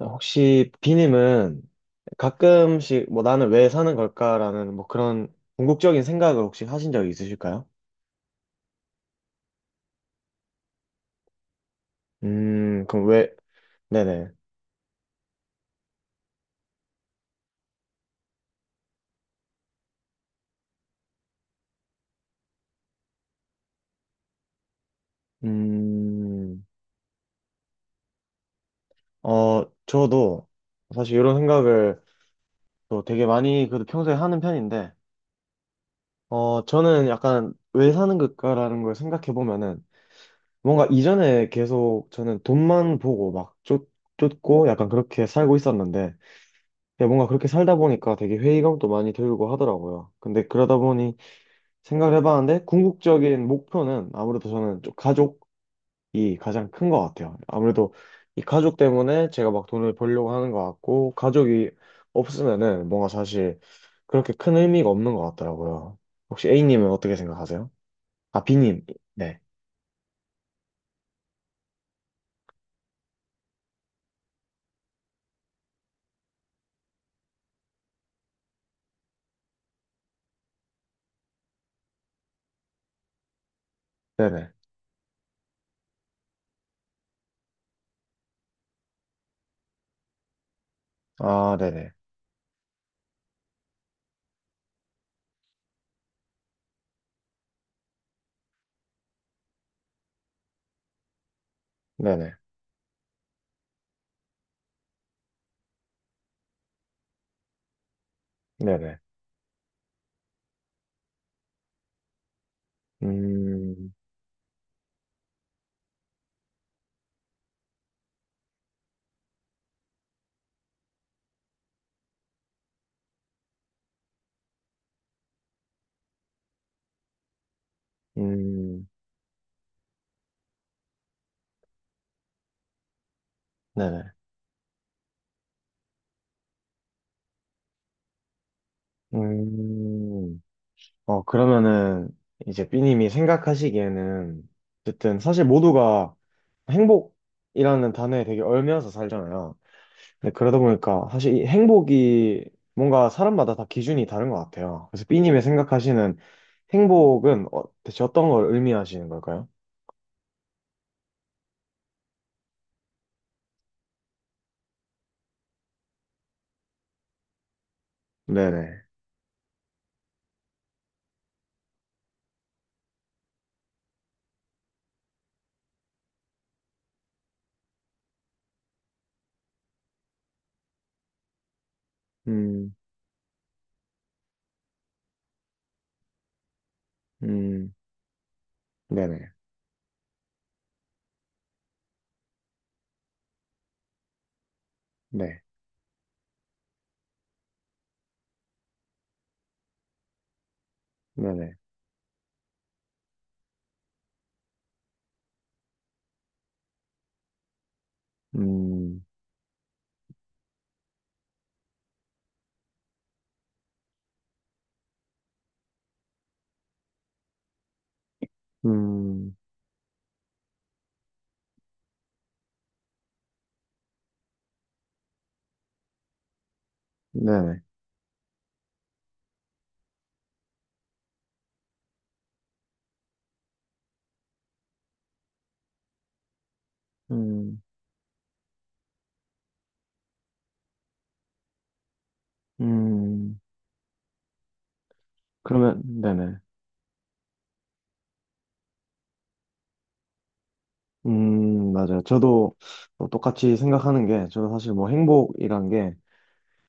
혹시 비님은 가끔씩 뭐 나는 왜 사는 걸까라는 뭐 그런 궁극적인 생각을 혹시 하신 적이 있으실까요? 그럼 왜, 네네. 음, 어, 저도 사실 이런 생각을 또 되게 많이 그래도 평소에 하는 편인데, 어, 저는 약간 왜 사는 걸까라는 걸 생각해 보면은 뭔가 이전에 계속 저는 돈만 보고 막 쫓고 약간 그렇게 살고 있었는데, 야, 뭔가 그렇게 살다 보니까 되게 회의감도 많이 들고 하더라고요. 근데 그러다 보니 생각을 해봤는데 궁극적인 목표는 아무래도 저는 좀 가족이 가장 큰 것 같아요. 아무래도 이 가족 때문에 제가 막 돈을 벌려고 하는 것 같고 가족이 없으면은 뭔가 사실 그렇게 큰 의미가 없는 것 같더라고요. 혹시 A님은 어떻게 생각하세요? 아, B님. 네. 네네. 아, 네네. 네네. 네네. 음, 음, 네네. 음. 어, 그러면은 이제 B님이 생각하시기에는 어쨌든 사실 모두가 행복이라는 단어에 되게 얽매여서 살잖아요. 근데 그러다 보니까 사실 이 행복이 뭔가 사람마다 다 기준이 다른 것 같아요. 그래서 B님이 생각하시는 행복은 어, 대체 어떤 걸 의미하시는 걸까요? 네네. 음, 음, 네네. 네, 네네. 음, 음, 네네. 음, 음, 그러면, 네네. 맞아요. 저도 뭐 똑같이 생각하는 게, 저는 사실 뭐 행복이란 게,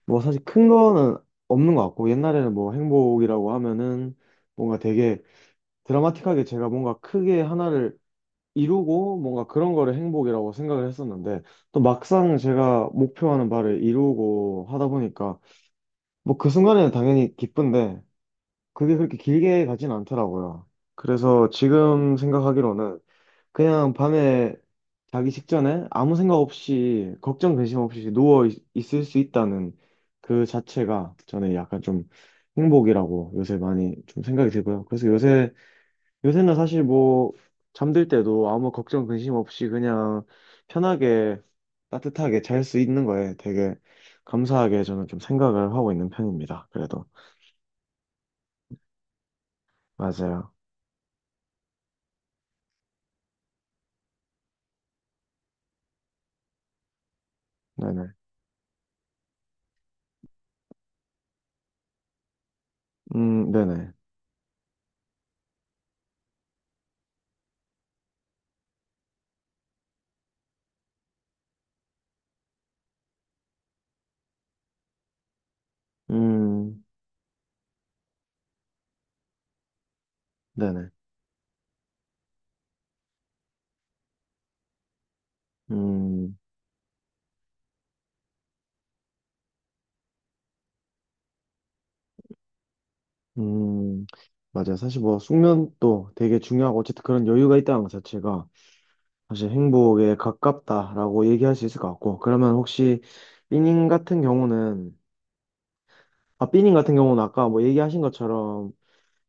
뭐 사실 큰 거는 없는 것 같고, 옛날에는 뭐 행복이라고 하면은 뭔가 되게 드라마틱하게 제가 뭔가 크게 하나를 이루고 뭔가 그런 거를 행복이라고 생각을 했었는데, 또 막상 제가 목표하는 바를 이루고 하다 보니까, 뭐 그 순간에는 당연히 기쁜데, 그게 그렇게 길게 가진 않더라고요. 그래서 지금 생각하기로는 그냥 밤에 자기 직전에 아무 생각 없이 걱정 근심 없이 을수 있다는 그 자체가 저는 약간 좀 행복이라고 요새 많이 좀 생각이 들고요. 그래서 요새는 사실 뭐 잠들 때도 아무 걱정 근심 없이 그냥 편하게 따뜻하게 잘 수 있는 거에 되게 감사하게 저는 좀 생각을 하고 있는 편입니다. 그래도 맞아요. 네네. 네네. 음, 네네. 음. 음, 맞아. 사실 뭐 숙면도 되게 중요하고 어쨌든 그런 여유가 있다는 것 자체가 사실 행복에 가깝다라고 얘기할 수 있을 것 같고. 그러면 혹시 삐님 같은 경우는 삐님 같은 경우는 아까 뭐 얘기하신 것처럼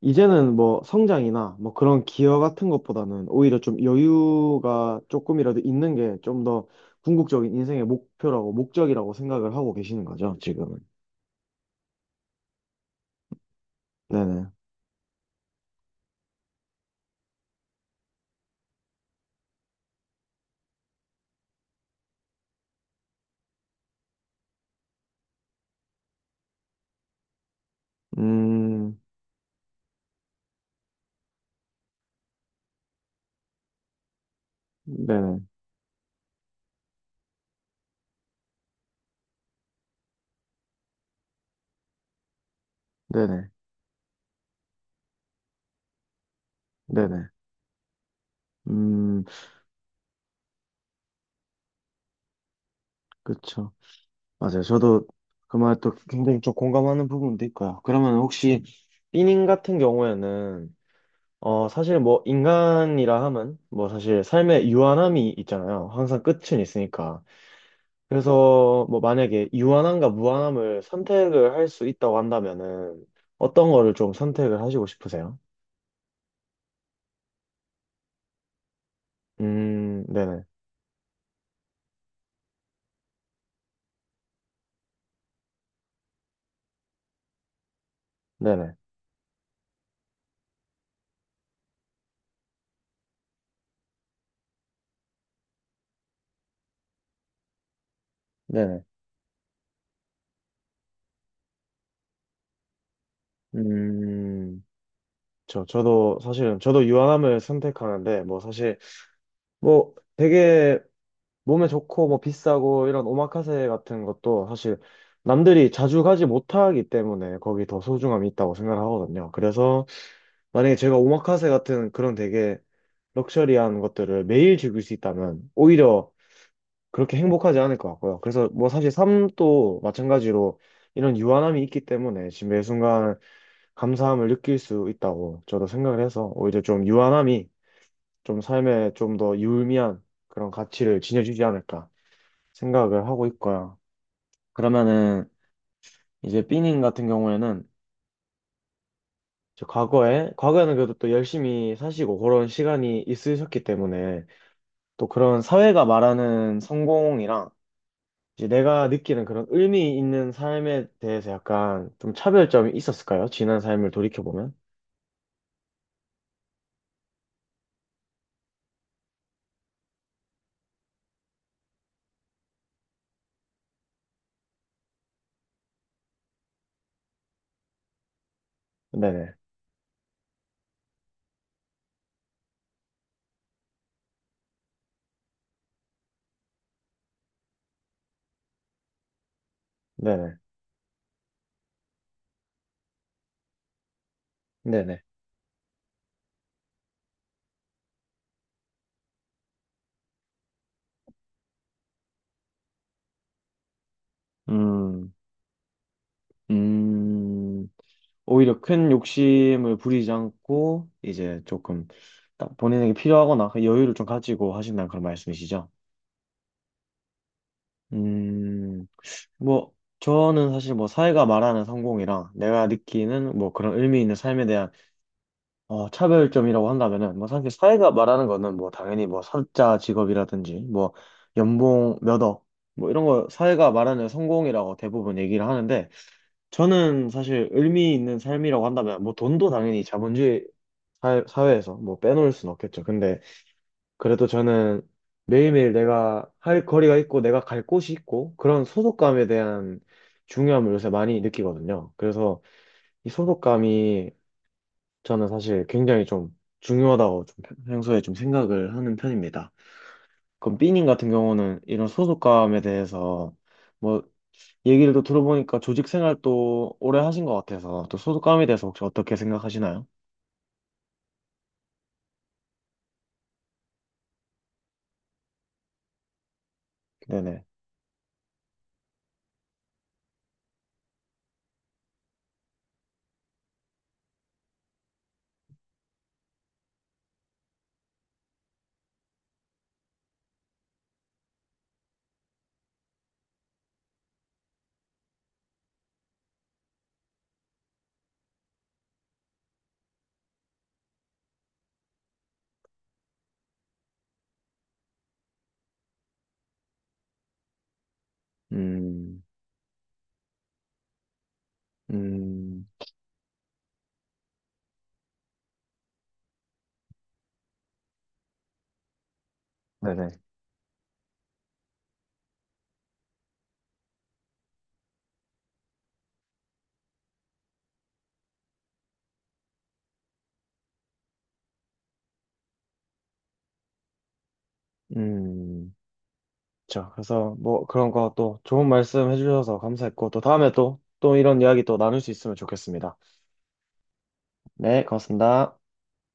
이제는 뭐 성장이나 뭐 그런 기여 같은 것보다는 오히려 좀 여유가 조금이라도 있는 게 좀 더 궁극적인 인생의 목표라고 목적이라고 생각을 하고 계시는 거죠, 지금은. 네네. 음, 네네. 네네. 네네. 음. 그쵸. 맞아요. 저도 그 말 또 굉장히 좀 공감하는 부분도 있고요. 그러면 혹시 삐닝 같은 경우에는 어 사실 뭐 인간이라 하면 뭐 사실 삶의 유한함이 있잖아요. 항상 끝은 있으니까. 그래서 뭐 만약에 유한함과 무한함을 선택을 할 수 있다고 한다면은 어떤 거를 좀 선택을 하시고 싶으세요? 네네. 네네. 네네. 음, 저도 사실은 저도 유한함을 선택하는데 뭐 사실 뭐 되게 몸에 좋고 뭐 비싸고 이런 오마카세 같은 것도 사실 남들이 자주 가지 못하기 때문에 거기 더 소중함이 있다고 생각을 하거든요. 그래서 만약에 제가 오마카세 같은 그런 되게 럭셔리한 것들을 매일 즐길 수 있다면 오히려 그렇게 행복하지 않을 것 같고요. 그래서 뭐 사실 삶도 마찬가지로 이런 유한함이 있기 때문에 지금 매 순간 감사함을 느낄 수 있다고 저도 생각을 해서 오히려 좀 유한함이 좀 삶에 좀 더 유의미한 그런 가치를 지녀주지 않을까. 생각을 하고 있고요. 그러면은 이제 삐님 같은 경우에는 이제 과거에는 그래도 또 열심히 사시고 그런 시간이 있으셨기 때문에 또 그런 사회가 말하는 성공이랑 이제 내가 느끼는 그런 의미 있는 삶에 대해서 약간 좀 차별점이 있었을까요? 지난 삶을 돌이켜 보면? 네네. 네네. 네네. 음. 음. 오히려 큰 욕심을 부리지 않고 이제 조금 딱 본인에게 필요하거나 그 여유를 좀 가지고 하신다는 그런 말씀이시죠? 음, 뭐 저는 사실 뭐 사회가 말하는 성공이랑 내가 느끼는 뭐 그런 의미 있는 삶에 대한 어, 차별점이라고 한다면은 뭐 사실 사회가 말하는 거는 뭐 당연히 뭐 사자 직업이라든지 뭐 연봉 몇억 뭐 이런 거 사회가 말하는 성공이라고 대부분 얘기를 하는데 저는 사실 의미 있는 삶이라고 한다면 뭐 돈도 당연히 자본주의 사회에서 뭐 빼놓을 순 없겠죠. 근데 그래도 저는 매일매일 내가 할 거리가 있고 내가 갈 곳이 있고 그런 소속감에 대한 중요함을 요새 많이 느끼거든요. 그래서 이 소속감이 저는 사실 굉장히 좀 중요하다고 좀 평소에 좀 생각을 하는 편입니다. 그럼 삐님 같은 경우는 이런 소속감에 대해서 뭐 얘기를 또 들어보니까 조직 생활 또 오래 하신 것 같아서 또 소속감에 대해서 혹시 어떻게 생각하시나요? 네네. 음, 음, 네네. 음, 자, 그래서 뭐 그런 거 또 좋은 말씀 해주셔서 감사했고 또 다음에 또 이런 이야기 또 나눌 수 있으면 좋겠습니다. 네, 고맙습니다.